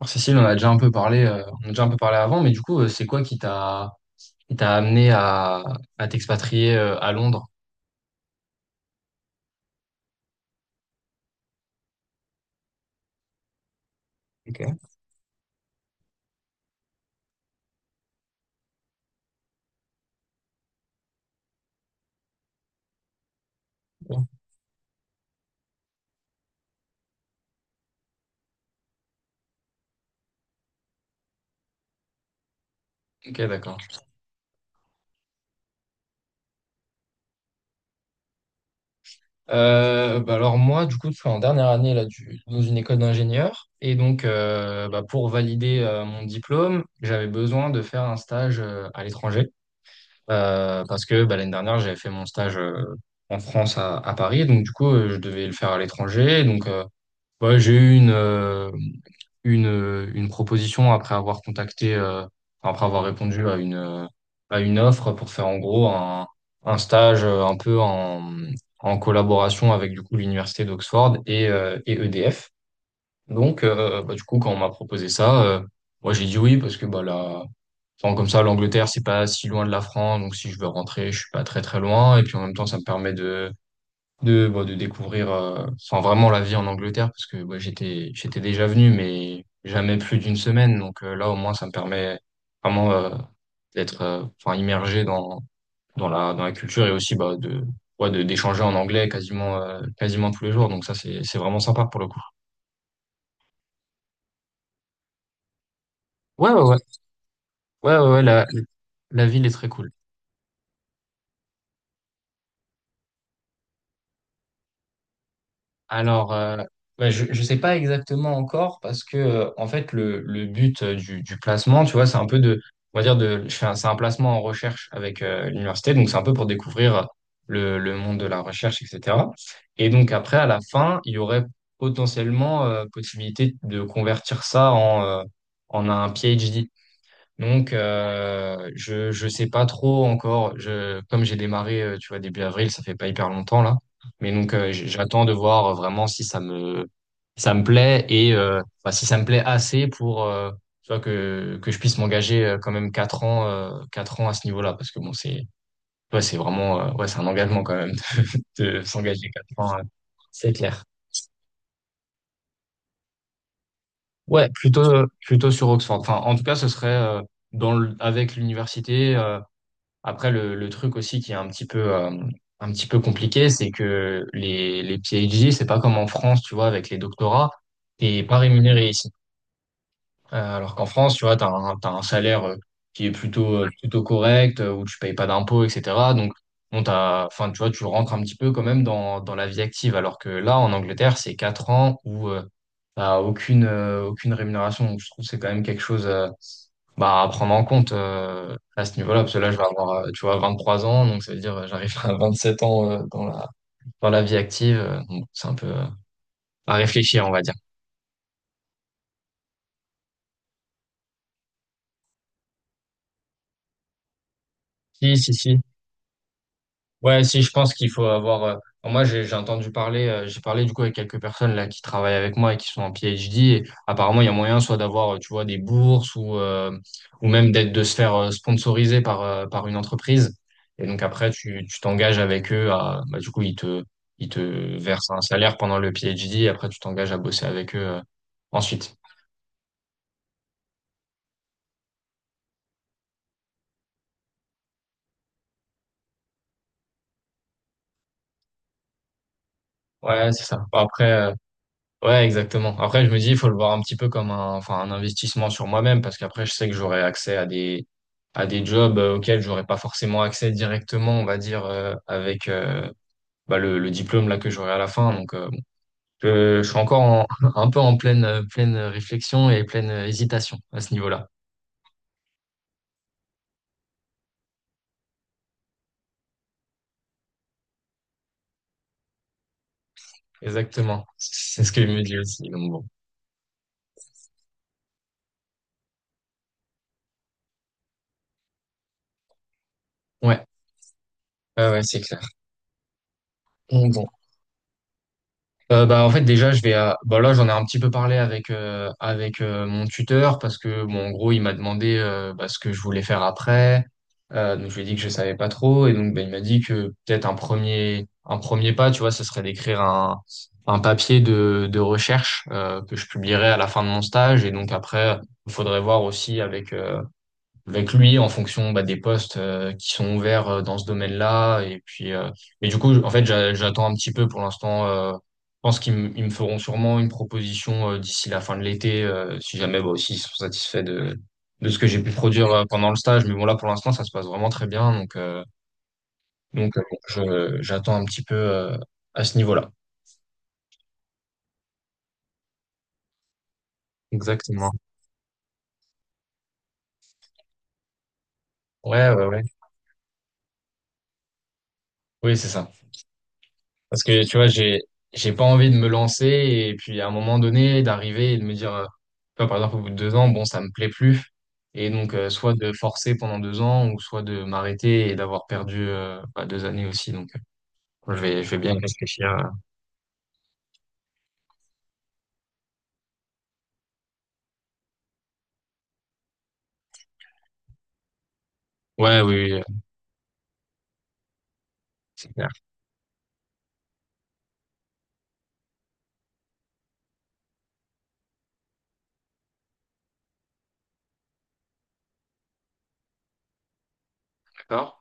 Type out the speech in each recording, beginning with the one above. Alors, Cécile, on en a déjà un peu parlé, on a déjà un peu parlé avant, mais du coup, c'est quoi qui t'a amené à t'expatrier à Londres? Ok, bon. Ok, d'accord. Bah alors moi, du coup, je suis en dernière année là, dans une école d'ingénieur. Et donc, bah, pour valider mon diplôme, j'avais besoin de faire un stage à l'étranger. Parce que bah, l'année dernière, j'avais fait mon stage en France à Paris. Donc, du coup, je devais le faire à l'étranger. Donc, ouais, j'ai eu une proposition après avoir contacté, enfin, après avoir répondu à une offre pour faire en gros un stage un peu en, en collaboration avec du coup l'université d'Oxford et EDF. Donc, bah, du coup, quand on m'a proposé ça, moi j'ai dit oui parce que bah, là, enfin, comme ça, l'Angleterre, c'est pas si loin de la France, donc si je veux rentrer, je suis pas très très loin. Et puis en même temps, ça me permet de bah, de découvrir enfin, vraiment la vie en Angleterre, parce que ouais, j'étais déjà venu, mais jamais plus d'une semaine. Donc là, au moins, ça me permet vraiment d'être enfin, immergé dans, dans la culture et aussi bah, de, ouais, de, d'échanger en anglais quasiment, quasiment tous les jours. Donc ça, c'est vraiment sympa pour le coup. Ouais, ouais, ouais. Ouais, ouais, ouais, la ville est très cool. Alors, bah, je ne sais pas exactement encore parce que, en fait, le but du placement, tu vois, c'est un peu de, on va dire, de, c'est un placement en recherche avec l'université, donc c'est un peu pour découvrir le monde de la recherche, etc. Et donc, après, à la fin, il y aurait potentiellement possibilité de convertir ça en, en un PhD. Donc, je sais pas trop encore. Je comme j'ai démarré, tu vois, début avril, ça fait pas hyper longtemps là. Mais donc, j'attends de voir vraiment si ça me plaît et enfin, si ça me plaît assez pour tu vois que je puisse m'engager quand même quatre ans à ce niveau-là parce que bon c'est ouais c'est vraiment ouais c'est un engagement quand même de s'engager quatre ans c'est clair. Ouais, plutôt sur Oxford. Enfin, en tout cas, ce serait dans le, avec l'université. Après, le truc aussi qui est un petit peu compliqué, c'est que les PhD, c'est pas comme en France, tu vois, avec les doctorats, t'es pas rémunéré ici. Alors qu'en France, tu vois, t'as un salaire qui est plutôt, plutôt correct, où tu payes pas d'impôts, etc. Donc, bon, t'as, enfin, tu vois, tu rentres un petit peu quand même dans, dans la vie active. Alors que là, en Angleterre, c'est 4 ans où t'as aucune, aucune rémunération. Donc, je trouve que c'est quand même quelque chose. Bah, à prendre en compte à ce niveau-là, parce que là, je vais avoir, tu vois, 23 ans, donc ça veut dire j'arrive à 27 ans dans la vie active. Donc c'est un peu à réfléchir, on va dire. Si, ouais, si, je pense qu'il faut avoir. Enfin, moi, j'ai entendu parler, j'ai parlé du coup avec quelques personnes là qui travaillent avec moi et qui sont en PhD. Et apparemment, il y a moyen soit d'avoir, tu vois, des bourses ou même d'être de se faire sponsoriser par par une entreprise. Et donc après, tu t'engages avec eux à, bah, du coup, ils te versent un salaire pendant le PhD. Et après, tu t'engages à bosser avec eux ensuite. Ouais, c'est ça. Après, ouais, exactement. Après, je me dis, il faut le voir un petit peu comme un, enfin, un investissement sur moi-même parce qu'après, je sais que j'aurai accès à des jobs auxquels j'aurais pas forcément accès directement, on va dire, avec bah, le diplôme là que j'aurai à la fin. Donc, bon, je suis encore un peu en pleine, pleine réflexion et pleine hésitation à ce niveau-là. Exactement. C'est ce que je me dis aussi. Donc, bon. Ouais, ouais, ouais, c'est clair. Donc, bon. Bah, en fait, déjà, je vais à... bah, là, j'en ai un petit peu parlé avec, avec mon tuteur parce que, bon, en gros, il m'a demandé bah, ce que je voulais faire après. Donc, je lui ai dit que je savais pas trop. Et donc, bah, il m'a dit que peut-être un premier pas, tu vois, ce serait d'écrire un papier de recherche que je publierai à la fin de mon stage. Et donc, après, il faudrait voir aussi avec, avec lui en fonction bah, des postes qui sont ouverts dans ce domaine-là. Et puis, et du coup, en fait, j'attends un petit peu pour l'instant. Je pense ils me feront sûrement une proposition d'ici la fin de l'été, si jamais bah, aussi ils sont satisfaits de ce que j'ai pu produire pendant le stage. Mais bon, là, pour l'instant, ça se passe vraiment très bien. Donc bon, je, j'attends un petit peu à ce niveau-là. Exactement. Ouais, ouais, ouais. Oui, c'est ça. Parce que tu vois, j'ai pas envie de me lancer et puis à un moment donné d'arriver et de me dire, tu vois, par exemple au bout de deux ans, bon, ça me plaît plus. Et donc soit de forcer pendant deux ans ou soit de m'arrêter et d'avoir perdu bah, deux années aussi. Donc je vais bien y réfléchir. Ouais, oui, oui, c'est clair. D'accord.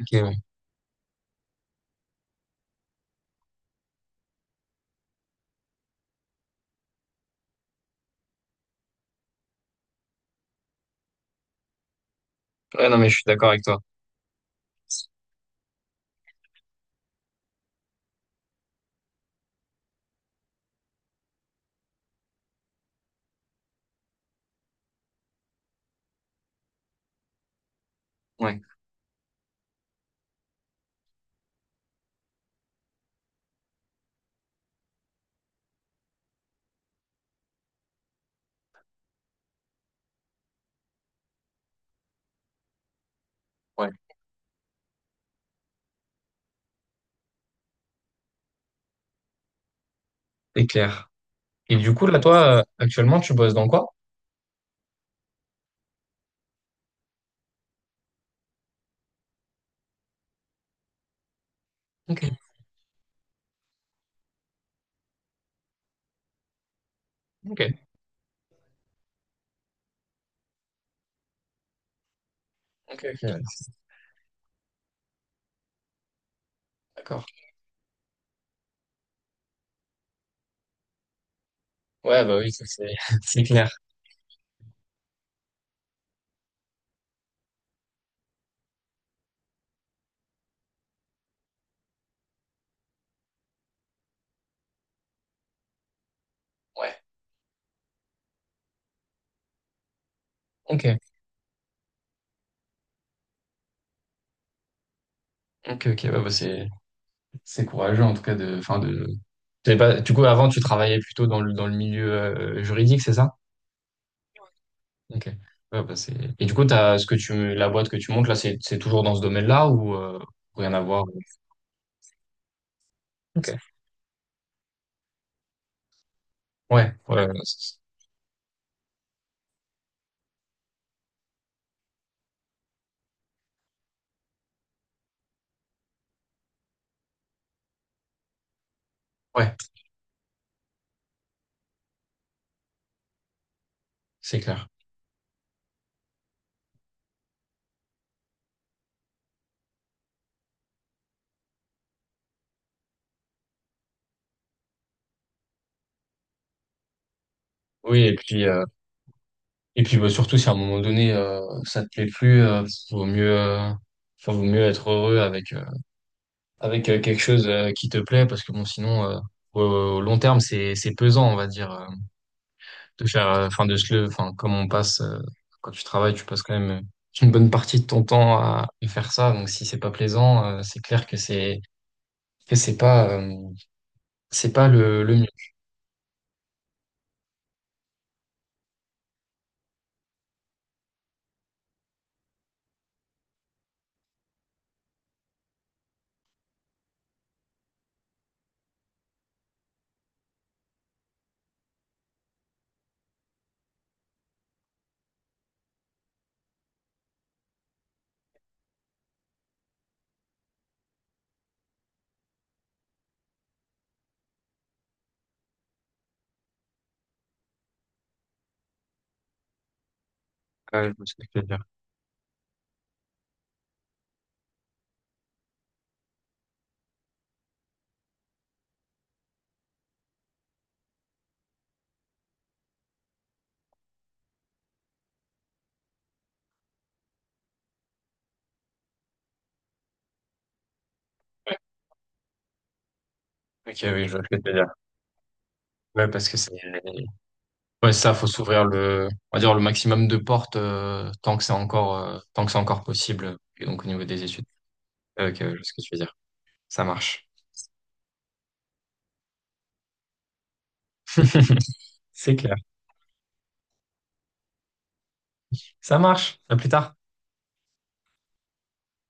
Ok, ouais. Ouais, non, mais je suis d'accord avec toi. Ouais, ouais, c'est clair. Et du coup, là, toi, actuellement, tu bosses dans quoi? Ok, ok, ok, ok. D'accord. Ouais, bah oui, ça, c'est c'est clair. Ouais. Ok, ok, ok, ouais, c'est courageux en tout cas de, enfin de. T'avais pas- Du coup, avant, tu travaillais plutôt dans le milieu juridique, c'est ça? Ok. Ouais, et du coup, t'as ce que tu la boîte que tu montes là, c'est toujours dans ce domaine-là ou rien à voir? Ok. Ouais, ouais, ouais, c'est clair. Oui, et puis bah, surtout si à un moment donné ça te plaît plus, vaut mieux enfin, vaut mieux être heureux avec avec quelque chose qui te plaît parce que bon sinon au, au long terme c'est pesant on va dire. De faire, enfin, enfin, comme on passe, quand tu travailles, tu passes quand même une bonne partie de ton temps à faire ça. Donc, si c'est pas plaisant, c'est clair que c'est pas le mieux. Ouais, je vois ce que tu veux dire. Ouais. Ok, oui, je vois ce que tu veux dire. Ouais, parce que ouais, ça, faut s'ouvrir le, on va dire le maximum de portes, tant que c'est encore, tant que c'est encore possible. Et donc, au niveau des études. Ok, ouais, je vois ce que tu veux dire. Ça marche. C'est clair. Ça marche. À plus tard.